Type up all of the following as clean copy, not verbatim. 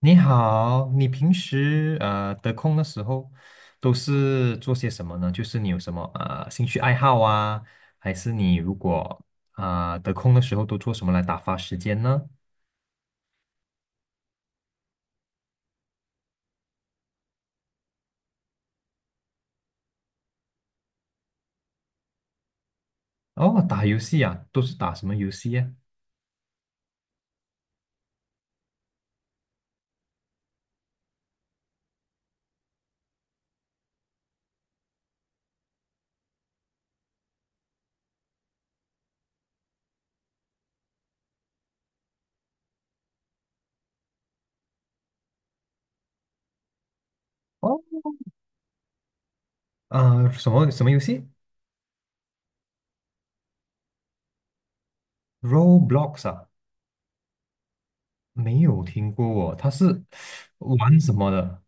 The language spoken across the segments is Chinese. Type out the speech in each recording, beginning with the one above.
你好，你平时呃得空的时候都是做些什么呢？就是你有什么呃兴趣爱好啊，还是你如果啊、得空的时候都做什么来打发时间呢？哦，打游戏啊，都是打什么游戏呀、哦，啊，什么什么游戏？Roblox 啊，没有听过哦，它是玩什么的？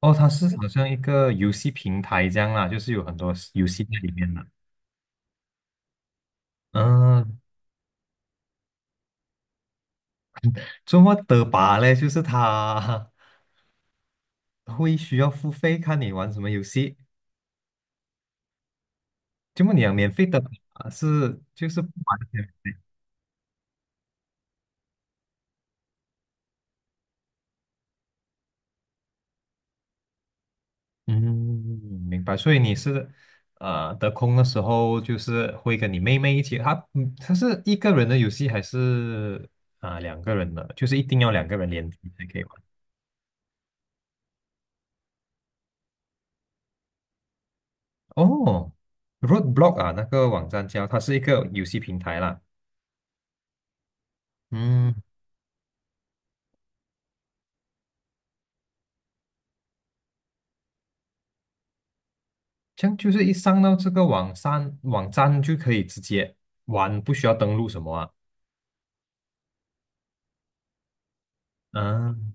哦，它是好像一个游戏平台这样啦，就是有很多游戏在里面的。嗯、这么的吧嘞，就是他 会需要付费看你玩什么游戏。这么你讲免费的吧是就是不完全免费，嗯，明白。所以你是呃得空的时候，就是会跟你妹妹一起。他嗯，他是一个人的游戏还是啊、两个人的？就是一定要两个人联机才可以玩。哦，Roadblock 啊，那个网站叫它是一个游戏平台啦。嗯。这样就是一上到这个网站，网站就可以直接玩，不需要登录什么啊？嗯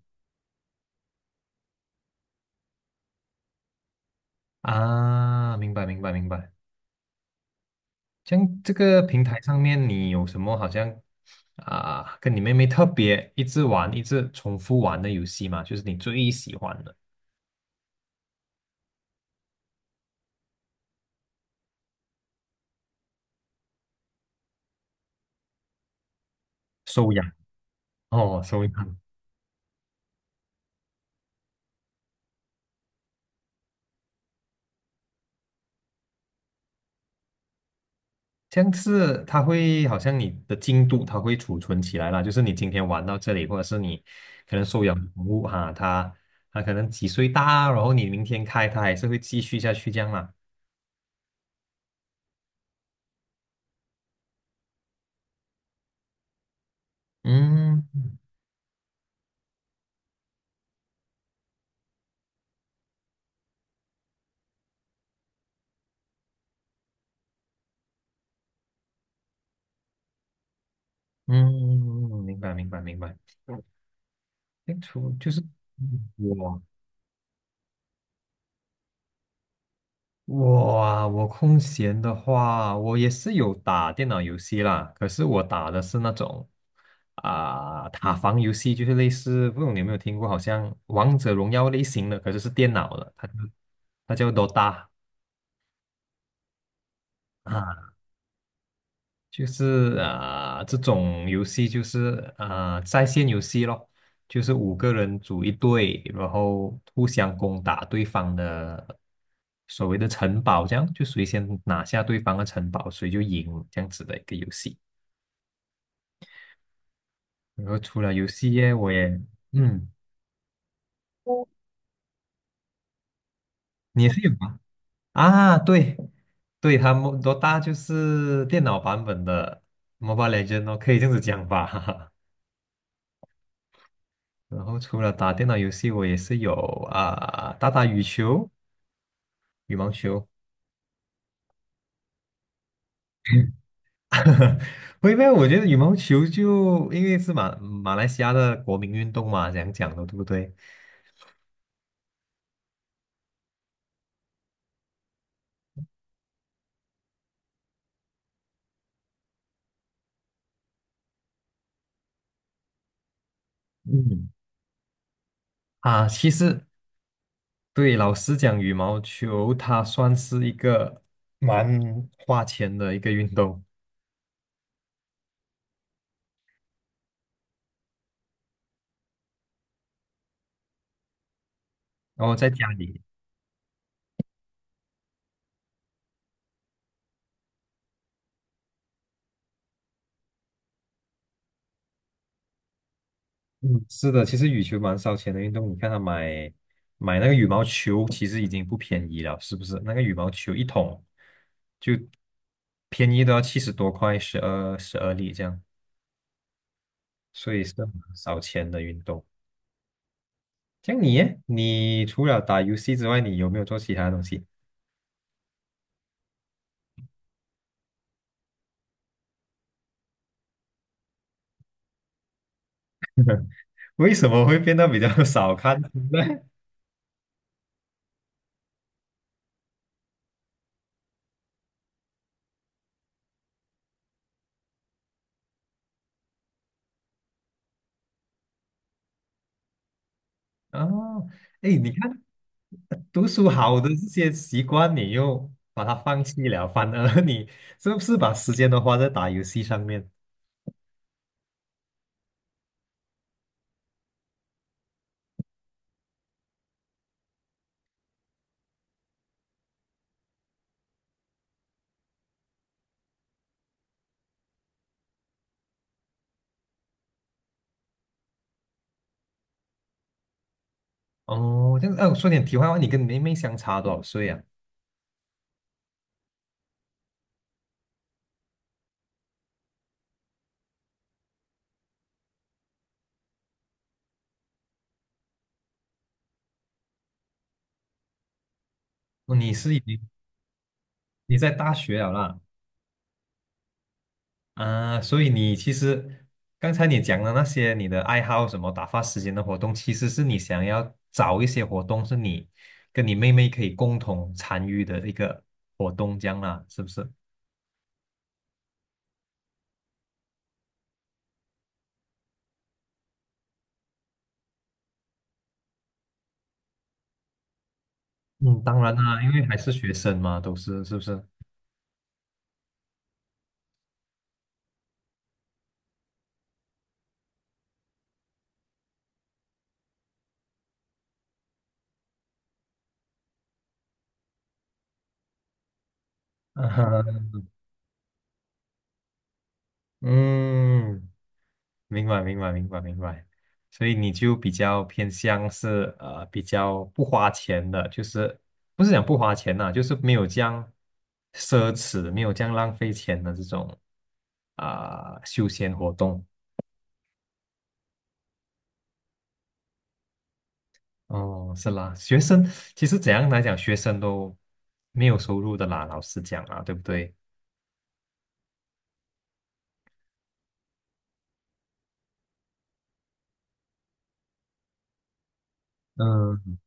啊，明白明白明白。这样这个平台上面你有什么好像啊，跟你妹妹特别一直玩、一直重复玩的游戏吗？就是你最喜欢的收养哦，收养这样是它会好像你的进度它会储存起来啦，就是你今天玩到这里，或者是你可能收养宠物哈，它它可能几岁大，然后你明天开它还是会继续下去这样啦。嗯嗯，嗯嗯明白明白明白。清除就是嗯我啊，我空闲的话，我也是有打电脑游戏啦。可是我打的是那种啊、塔防游戏，就是类似，不知道你有没有听过，好像王者荣耀类型的，可是是电脑的，它就它叫 Dota 啊。就是啊、呃这种游戏就是啊、呃在线游戏咯，就是五个人组一队，然后互相攻打对方的所谓的城堡，这样就谁先拿下对方的城堡，谁就赢这样子的一个游戏。然后除了游戏业，我也嗯，你也是有吗？啊，对对，他们多大就是电脑版本的 Mobile Legend 哦，可以这样子讲吧。然后除了打电脑游戏，我也是有啊、打打羽球、羽毛球。不因为我觉得羽毛球就因为是马马来西亚的国民运动嘛，这样讲的，对不对？嗯，啊，其实对老师讲，羽毛球它算是一个蛮花钱的一个运动。然后在家里，嗯，是的，其实羽球蛮烧钱的运动。你看他买买那个羽毛球，其实已经不便宜了，是不是？那个羽毛球一桶就便宜都要七十多块，十二十二粒这样，所以是很烧钱的运动。像你耶你除了打游戏之外，你有没有做其他东西？为什么会变得比较 少看书呢？哦，哎，你看读书好的这些习惯，你又把它放弃了，反而你是不是把时间都花在打游戏上面？哦，这样子，哎、我说点题外话，你跟你妹妹相差多少岁啊？哦你是已经你在大学了啦，啊，所以你其实刚才你讲的那些你的爱好什么打发时间的活动，其实是你想要找一些活动是你跟你妹妹可以共同参与的一个活动，这样啦，是不是？嗯，当然啦，因为还是学生嘛，都是是不是？嗯，嗯明白，明白，明白，明白。所以你就比较偏向是呃比较不花钱的，就是不是讲不花钱呐、就是没有这样奢侈，没有这样浪费钱的这种啊、休闲活动。哦，是啦，学生其实怎样来讲，学生都没有收入的啦，老师讲啊，对不对？嗯。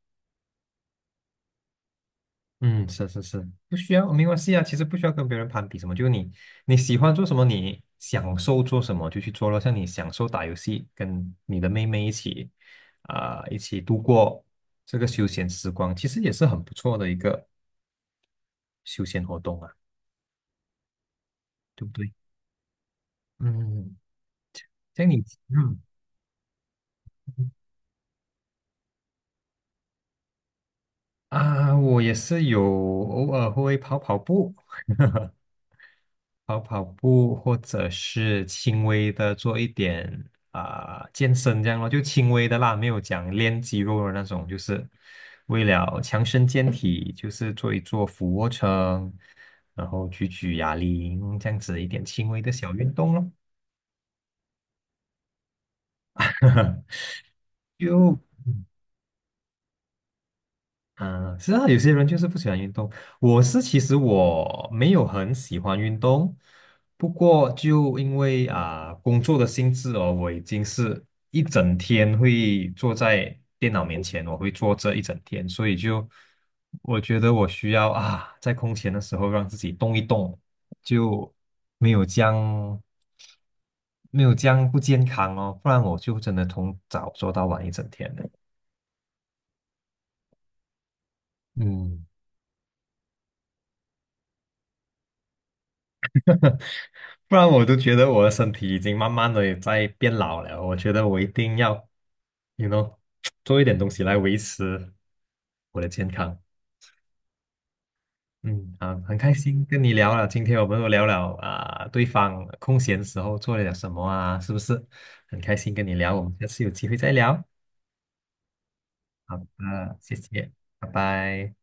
嗯，是是是，不需要，没关系啊。其实不需要跟别人攀比什么，就你你喜欢做什么，你享受做什么就去做咯。像你享受打游戏，跟你的妹妹一起啊、一起度过这个休闲时光，其实也是很不错的一个休闲活动啊，对不对？嗯，嗯嗯像你，嗯嗯啊，我也是有偶尔会跑跑步，跑跑步，或者是轻微的做一点啊、健身这样咯，就轻微的啦，没有讲练肌肉的那种，就是为了强身健体，就是做一做俯卧撑，然后举举哑铃这样子一点轻微的小运动咯。就嗯，是啊，有些人就是不喜欢运动。我是其实我没有很喜欢运动，不过就因为啊、工作的性质哦，我已经是一整天会坐在电脑面前，我会坐这一整天，所以就我觉得我需要啊在空闲的时候让自己动一动，就没有将没有将不健康哦，不然我就真的从早做到晚一整天的。嗯不然我都觉得我的身体已经慢慢的也在变老了。我觉得我一定要，you know，做一点东西来维持我的健康。嗯，啊，很开心跟你聊了。今天我们又聊了啊、对方空闲时候做了点什么啊，是不是？很开心跟你聊，我们下次有机会再聊。好的，谢谢，拜拜。